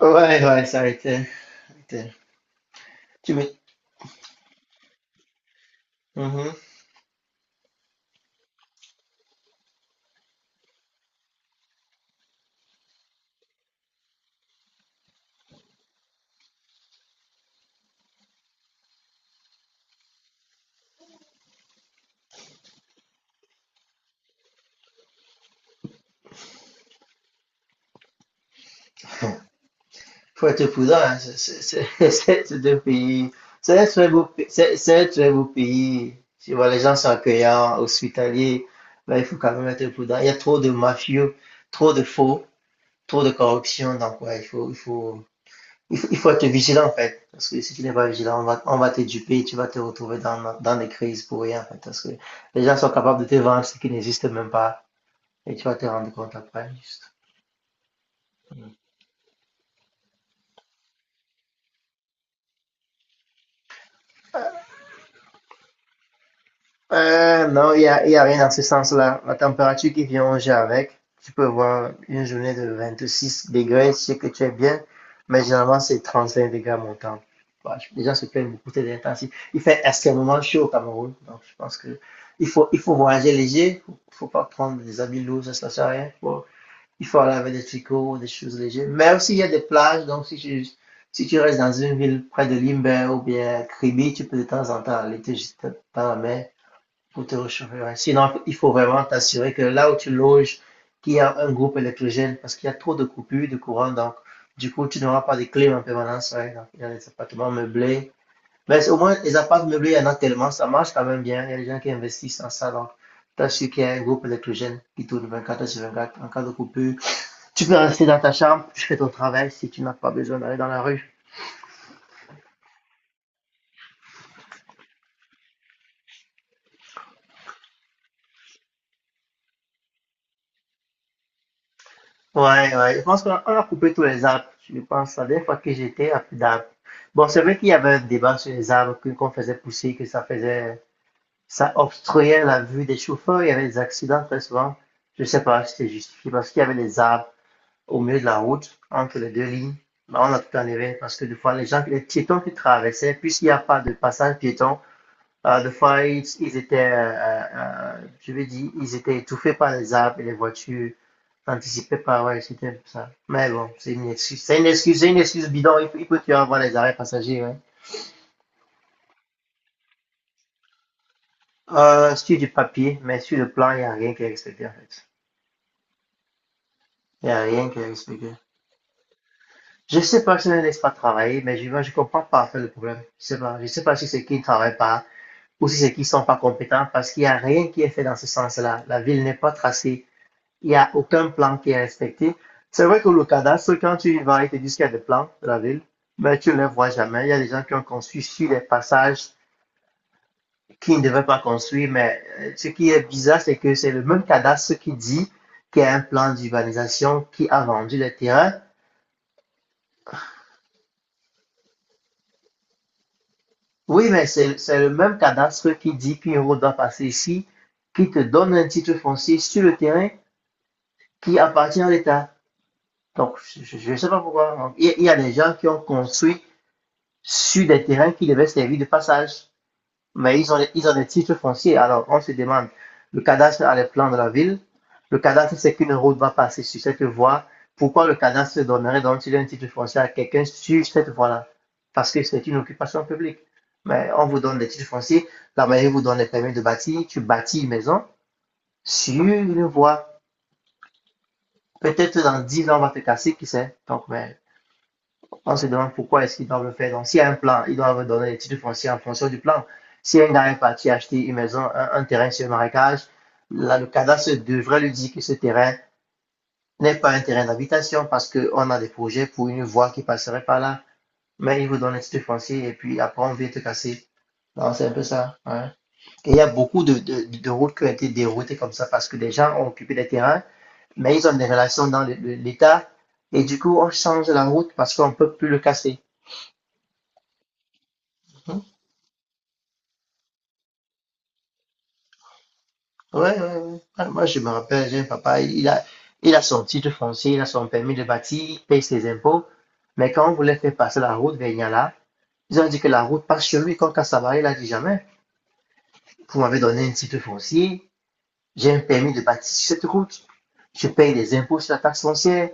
Ouais, ouais, ça a été. été- Tu me... Mhm. Faut être prudent, hein, deux pays. C'est un très c'est un très beau pays. Tu vois, les gens sont accueillants, hospitaliers. Mais il faut quand même être prudent. Il y a trop de mafieux, trop de faux, trop de corruption. Donc, ouais, il faut être vigilant, en fait. Parce que si tu n'es pas vigilant, on va te duper, tu vas te retrouver dans des crises pour rien, en fait. Parce que les gens sont capables de te vendre ce qui n'existe même pas. Et tu vas te rendre compte après, juste. Non, il y a rien dans ce sens-là. La température qui vient au jeu avec, tu peux voir une journée de 26 degrés, je sais que tu es bien, mais généralement c'est 35 degrés à mon temps. Les gens se plaignent beaucoup, c'est intensif. Il fait extrêmement chaud au Cameroun, donc je pense que il faut voyager léger, faut pas prendre des habits lourds, ça ne sert à rien. Il faut aller avec des tricots, des choses légères. Mais aussi il y a des plages, donc si tu restes dans une ville près de Limbe ou bien Kribi, tu peux de temps en temps aller te jeter dans la mer pour te réchauffer. Ouais. Sinon, il faut vraiment t'assurer que là où tu loges, qu'il y a un groupe électrogène parce qu'il y a trop de coupures de courant. Donc, du coup, tu n'auras pas de clim en permanence. Ouais. Donc, il y a des appartements meublés. Mais au moins, les appartements meublés, il y en a tellement. Ça marche quand même bien. Il y a des gens qui investissent en ça. Donc, t'assures qu'il y a un groupe électrogène qui tourne 24 heures sur 24 en cas de coupure. Tu peux rester dans ta chambre, tu fais ton travail si tu n'as pas besoin d'aller dans la rue. Ouais, ouais. Je pense qu'on a coupé tous les arbres. Je pense, la dernière fois que j'étais, à plus d'arbres. Bon, c'est vrai qu'il y avait un débat sur les qu'on faisait pousser, ça obstruait la vue des chauffeurs. Il y avait des accidents très souvent. Je sais pas si c'était justifié parce qu'il y avait des arbres au milieu de la route, entre les deux lignes. Mais on a tout enlevé parce que des fois, les gens, les piétons qui traversaient, puisqu'il n'y a pas de passage piéton, ah, des fois, ils étaient, je veux dire, ils étaient étouffés par les arbres et les voitures. T'anticipais pas, ouais, c'était un peu ça. Mais bon, c'est une excuse. C'est une excuse, c'est une excuse bidon. Il faut toujours avoir les arrêts passagers, ouais. Sur du papier, mais sur le plan, il n'y a rien qui est respecté, en fait. Il n'y a rien qui est respecté. Je sais pas si on ne laisse pas travailler, mais moi, je comprends pas, en fait, le problème. Je sais pas. Je sais pas si c'est qu'ils ne travaillent pas ou si c'est qu'ils sont pas compétents parce qu'il n'y a rien qui est fait dans ce sens-là. La ville n'est pas tracée. Il y a aucun plan qui est respecté. C'est vrai que le cadastre, quand tu y vas, il te disent qu'il y a des plans de la ville, mais tu ne les vois jamais. Il y a des gens qui ont construit sur des passages qui ne devaient pas construire, mais ce qui est bizarre, c'est que c'est le même cadastre qui dit qu'il y a un plan d'urbanisation qui a vendu les terrains. Oui, mais c'est le même cadastre qui dit qu'une route doit passer ici, qui te donne un titre foncier sur le terrain qui appartient à l'État. Donc, je ne sais pas pourquoi. Il y a des gens qui ont construit sur des terrains qui devaient servir de passage. Mais ils ont des titres fonciers. Alors, on se demande, le cadastre a les plans de la ville. Le cadastre sait qu'une route va passer sur cette voie. Pourquoi le cadastre donnerait donc un titre foncier à quelqu'un sur cette voie-là? Parce que c'est une occupation publique. Mais on vous donne des titres fonciers. La mairie vous donne les permis de bâtir. Tu bâtis une maison sur une voie. Peut-être dans 10 ans, on va te casser, qui sait? Donc, mais on se demande pourquoi est-ce qu'ils doivent le faire. Donc, s'il y a un plan, ils doivent donner les titres fonciers en fonction du plan. Si un gars est parti acheter une maison, un terrain sur un marécage, là, le cadastre devrait lui dire que ce terrain n'est pas un terrain d'habitation parce qu'on a des projets pour une voie qui passerait par là. Mais ils vous donnent un titre foncier et puis après, on vient te casser. Non, c'est un peu ça, hein. Et il y a beaucoup de routes qui ont été déroutées comme ça parce que des gens ont occupé des terrains, mais ils ont des relations dans l'État. Et du coup, on change la route parce qu'on ne peut plus le casser. Ouais, ouais, ouais. Ah, moi, je me rappelle, j'ai un papa, il a son titre foncier, il a son permis de bâtir, il paye ses impôts. Mais quand on voulait faire passer la route vers Niala, ils ont dit que la route passe chez lui. Quand Kassabari, il a dit jamais. Vous m'avez donné un titre foncier, j'ai un permis de bâtir sur cette route. Je paye des impôts sur la taxe foncière.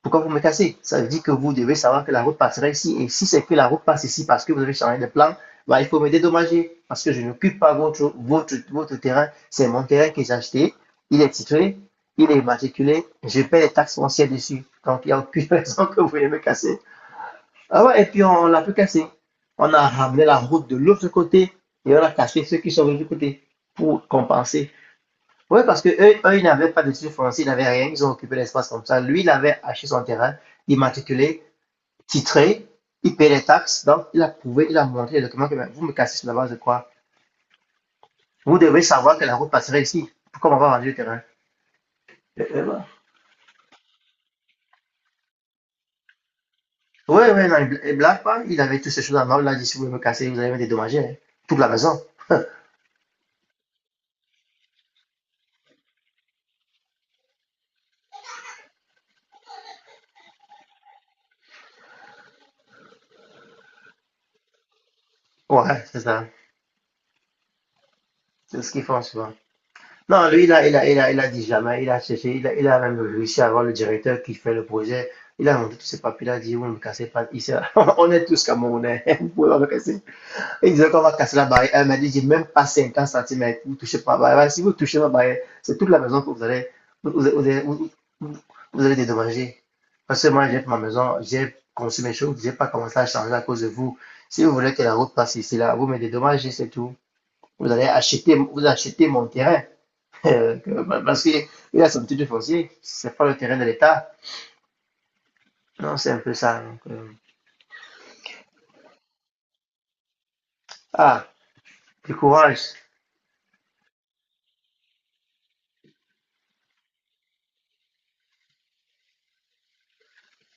Pourquoi vous me cassez? Ça veut dire que vous devez savoir que la route passera ici. Et si c'est que la route passe ici parce que vous avez changé de plan, bah, il faut me dédommager parce que je n'occupe pas votre terrain. C'est mon terrain que j'ai acheté. Il est titré, il est immatriculé. Je paie les taxes foncières dessus. Donc, il n'y a aucune raison que vous voulez me casser. Ah ouais, et puis on, l'a pu casser. On a ramené la route de l'autre côté et on a cassé ceux qui sont venus du côté pour compenser. Oui, parce que eux, ils n'avaient pas de titre foncier, ils n'avaient rien, ils ont occupé l'espace comme ça. Lui, il avait acheté son terrain, immatriculé, titré, il payait les taxes, donc il a prouvé, il a montré les documents que ben, vous me cassez sur la base de quoi? Vous devez savoir que la route passerait ici. Pourquoi on va vendre le terrain? Oui, oui, non, il blague pas, il avait toutes ces choses en main, il a dit si vous voulez me casser, vous allez me dédommager, hein. Toute la maison. Ouais, c'est ça. C'est ce qu'ils font souvent. Non, lui, il a dit jamais, il a cherché, il a même réussi à avoir le directeur qui fait le projet. Il a monté tous ses papiers, il a dit, vous ne cassez pas, ici. On est tous Camerounais, vous pouvez pas me casser. Il disait qu'on va casser la barrière, mais il dit même pas 50 cm, vous ne touchez pas la barrière. Voilà, si vous touchez ma barrière, c'est toute la maison que vous allez, vous, vous, vous, vous- vous allez dédommager. Parce que moi, j'ai ma maison, j'ai conçu mes choses, j'ai pas commencé à changer à cause de vous. Si vous voulez que la route passe ici, là, vous me dédommagez, c'est tout. Vous achetez mon terrain. Euh, que, Parce qu'il a son titre foncier, c'est pas le terrain de l'État. Non, c'est un peu ça. Ah, du courage.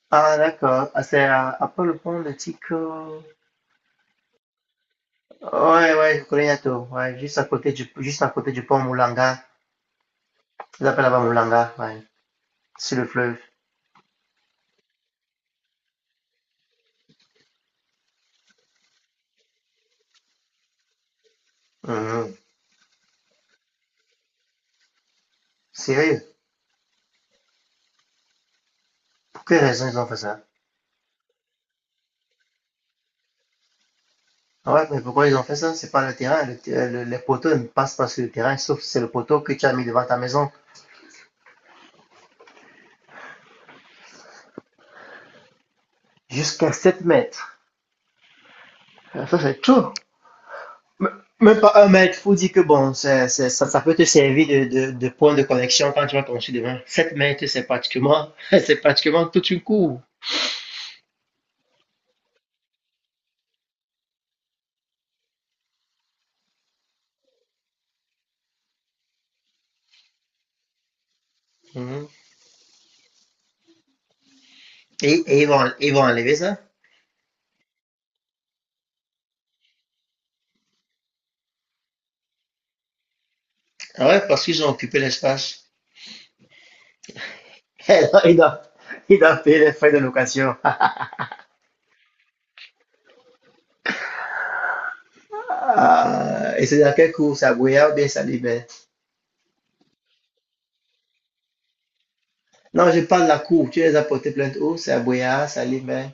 Ah, d'accord. Ah, c'est à Paul le Pont de Tico. Ouais, ouais, je connais Yato. Ouais, juste à côté du pont Moulanga. Ils appellent là-bas Moulanga, ouais. Sur le fleuve. Mhm. Sérieux? Pour quelle raison ils ont fait ça? Ouais, mais pourquoi ils ont fait ça? C'est pas le terrain. Les poteaux ne passent pas sur le terrain, sauf si c'est le poteau que tu as mis devant ta maison. Jusqu'à 7 mètres. Ça, c'est tout. Même pas un mètre, faut dire que bon, ça, ça peut te servir de point de connexion quand tu vas construire demain. 7 mètres, c'est pratiquement, c'est pratiquement toute une cour. Mhm. Et ils vont enlever ça. Ah ouais, parce qu'ils ont occupé l'espace. Ils doivent, ils doivent- ils doivent payer les frais de location. Ah, et c'est dans quelle cour? C'est à Boyard ou bien Salimé? Non, je parle de la cour. Tu les as portés plainte où? C'est à Boyard, Salimé.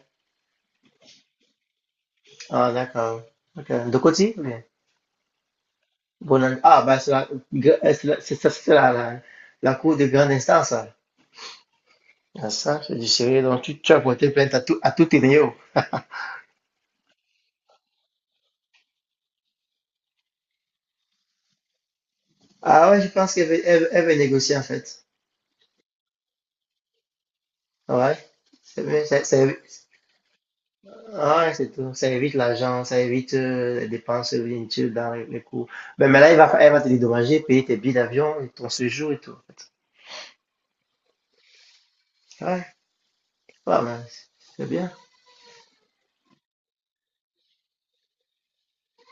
Ah, d'accord. Ok. De côté? Oui. Ah, ben, c'est la, gra- c'est la- c'est ça, c'était la, la, la cour de grande instance, là. Ah, ça, c'est du sérieux. Donc, tu as porté plainte à tout tes néos. Ah ouais, je pense qu'elle veut, elle veut négocier, en fait. Ah ouais. C'est bien, ah ouais, c'est tout. Ça évite l'argent, ça évite les dépenses inutiles dans les cours. Ben, mais là, elle va te dédommager, payer tes billets d'avion, ton séjour et tout, en fait. Ouais, pas mal. C'est bien.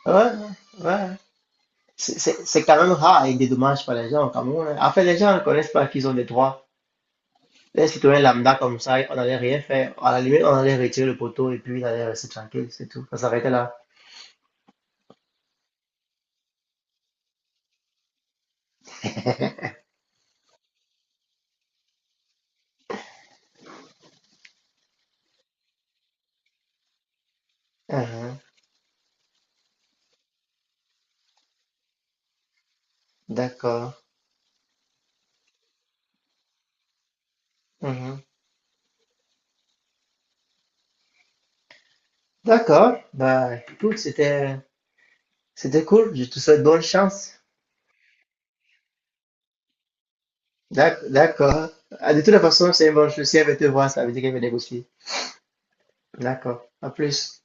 Ouais, ouais, ouais. C'est quand même rare et des dommages par les gens au Cameroun, hein. En fait, les gens ne connaissent pas qu'ils ont des droits. Les citoyens lambda comme ça, on n'allait rien faire. À la limite, on allait retirer le poteau et puis il allait rester tranquille, c'est tout. Ça s'arrêtait là. Mhm. D'accord. Mhm. D'accord. Bah, écoute, c'était cool. Je te souhaite bonne chance. D'accord. Ah, de toute façon, c'est une bonne chose. Si elle veut te voir, ça veut dire qu'elle veut négocier. D'accord. À plus.